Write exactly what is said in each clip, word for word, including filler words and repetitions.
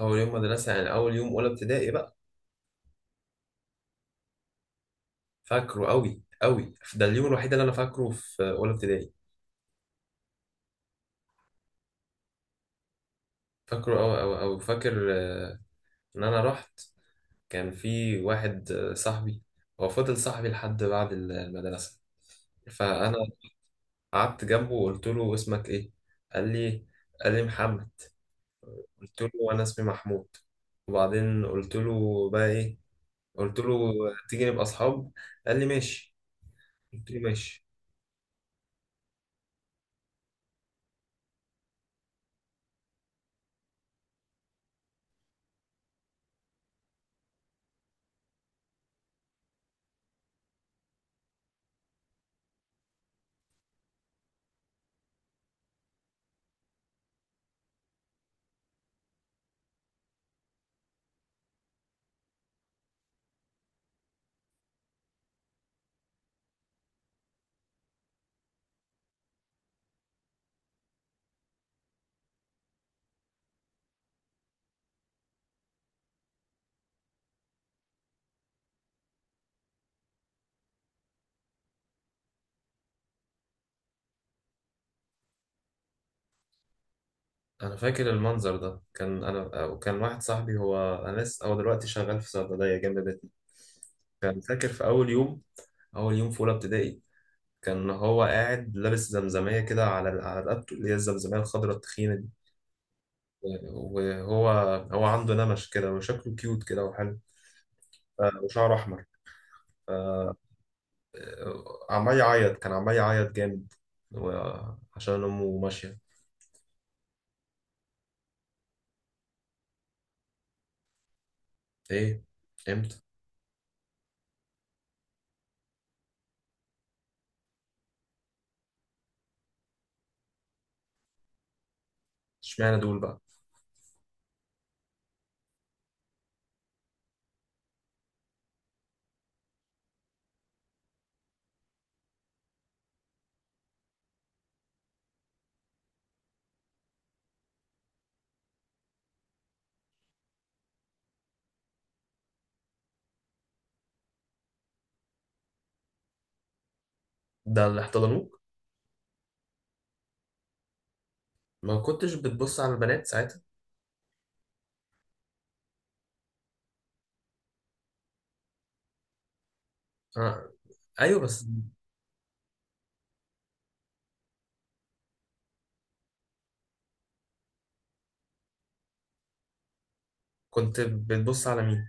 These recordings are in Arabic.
اول يوم مدرسه يعني اول يوم اولى ابتدائي بقى. فاكره قوي قوي، ده اليوم الوحيد اللي انا فاكره في اولى ابتدائي. فاكره قوي قوي قوي فاكر آه، ان انا رحت. كان في واحد آه، صاحبي، هو فضل صاحبي لحد بعد ال- المدرسه. فانا قعدت جنبه وقلت له اسمك ايه؟ قال لي قال لي محمد. قلت له انا اسمي محمود. وبعدين قلت له بقى ايه؟ قلت له تيجي نبقى اصحاب؟ قال لي ماشي، قلت له ماشي. انا فاكر المنظر ده، كان انا وكان واحد صاحبي، هو انا لسه هو دلوقتي شغال في صيدليه جنب بيتنا. كان فاكر في اول يوم، اول يوم في اولى ابتدائي. كان هو قاعد لابس زمزميه كده على على رقبته، اللي هي الزمزميه الخضراء التخينه دي. وهو هو عنده نمش كده وشكله كيوت كده وحلو. ف- وشعره احمر. آه، عمال يعيط، كان عمال يعيط جامد و- عشان امه ماشيه. ايه؟ امتى؟ اشمعنى دول بقى؟ ده اللي احتضنوك؟ ما كنتش بتبص على البنات ساعتها؟ آه. ايوه بس كنت بتبص على مين؟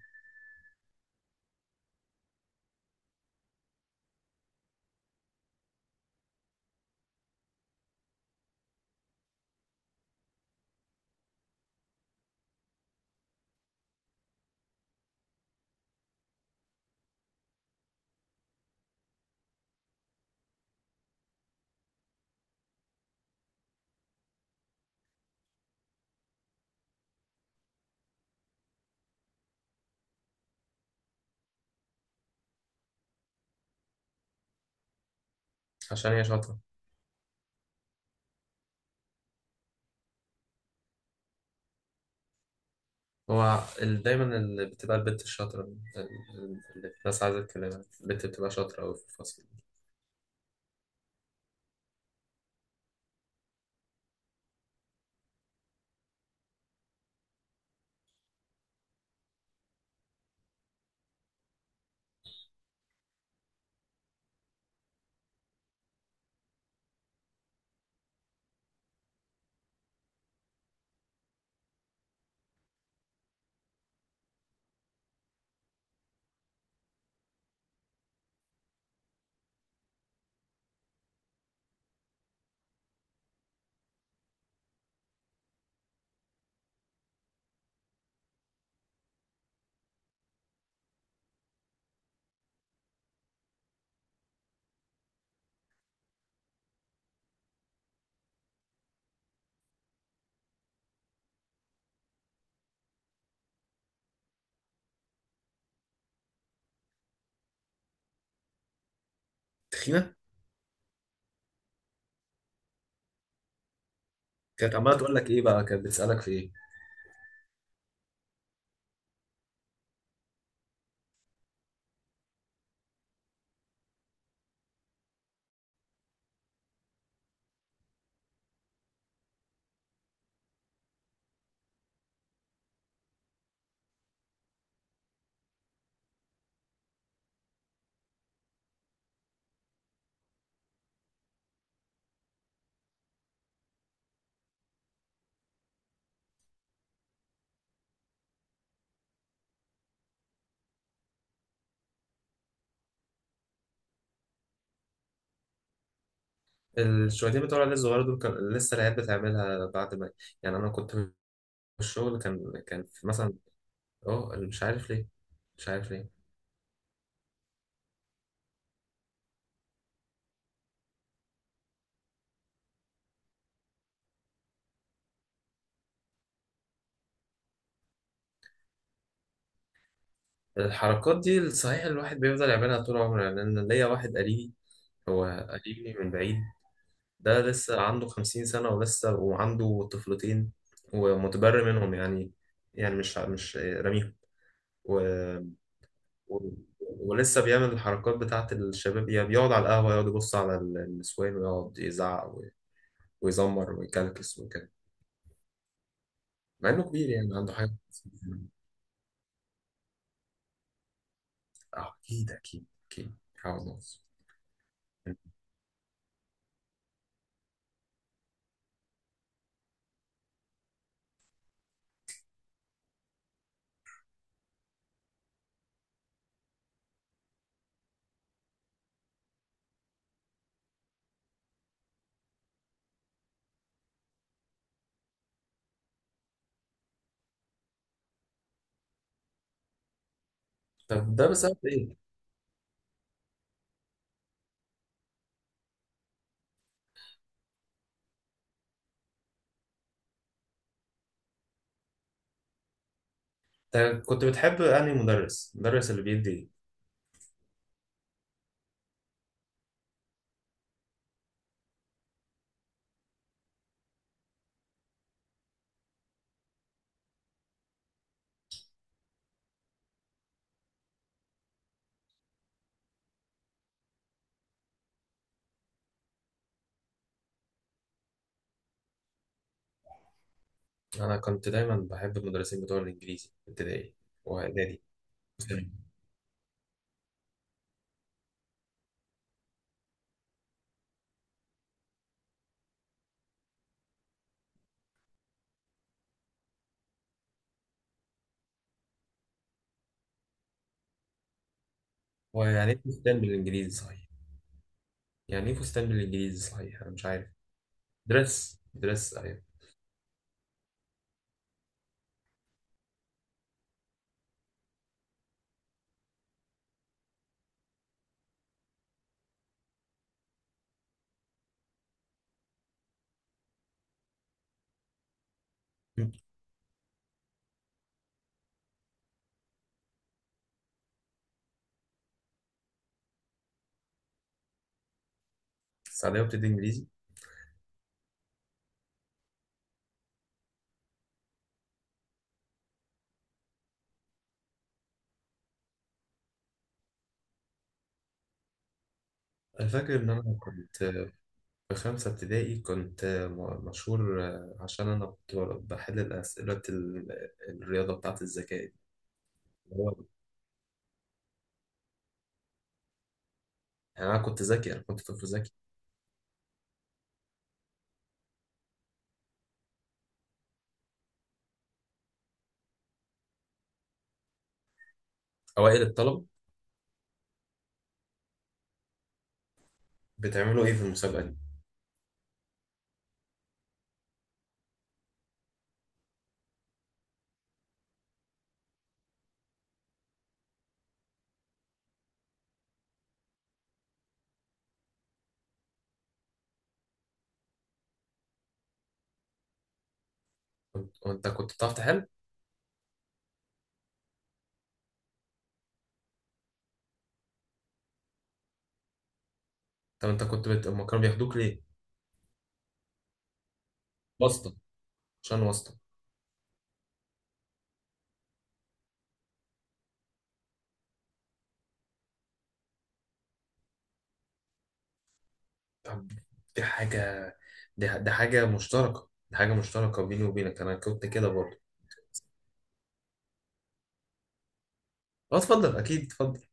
عشان هي شاطرة؟ هو ال- دايما اللي بتبقى البنت الشاطرة ال- ال- اللي الناس عايزة تكلمها، البنت بتبقى شاطرة أوي في الفصل. تخينه؟ كانت عماله تقول لك ايه بقى، كانت بتسالك في ايه؟ الشويتين بتوع العيال الصغيرة دول كان لسه العيال بتعملها بعد ما، يعني أنا كنت في الشغل، كان كان في مثلا. أه مش عارف ليه، مش عارف ليه. الحركات دي صحيح الواحد بيفضل يعملها طول عمره. يعني أنا ليا واحد قريبي، هو قريبي من بعيد. ده لسه عنده خمسين سنة ولسه وعنده طفلتين ومتبرئ منهم يعني، يعني مش مش راميهم. و... و... ولسه بيعمل الحركات بتاعت الشباب، يعني بيقعد على القهوة، يقعد يبص على ال- النسوان ويقعد يزعق و... ويزمر ويكلكس وكده، مع إنه كبير يعني عنده حاجة. آه، أكيد أكيد أكيد، عاوز نقص. طب ده بسبب إيه؟ أنت كنت بتحب أنهي مدرس؟ المدرس اللي بيدي إيه؟ أنا كنت دايما بحب المدرسين بتوع الإنجليزي في ابتدائي وإعدادي. ويعني ايه فستان بالانجليزي صحيح؟ يعني ايه فستان بالانجليزي صحيح؟ انا مش عارف. درس، درس، ايوه. السعودية بتدي انجليزي؟ انا فاكر ان انا كنت في خمسة ابتدائي، كنت م- مشهور آه، عشان انا كنت بحل اسئلة الرياضة بتاعة الذكاء دي. اللي هو- يعني انا كنت ذكي، انا كنت طفل ذكي. اوائل الطلبة، بتعملوا ايه في المسابقة دي؟ كنت، وانت كنت بتعرف تحل؟ طب انت كنت بت... أما كانوا بياخدوك ليه؟ واسطة؟ عشان واسطة. طب دي حاجة، دي, دي حاجة مشتركة، دي حاجة مشتركة بيني وبينك، أنا كنت كده برضه. اه اتفضل، أكيد اتفضل.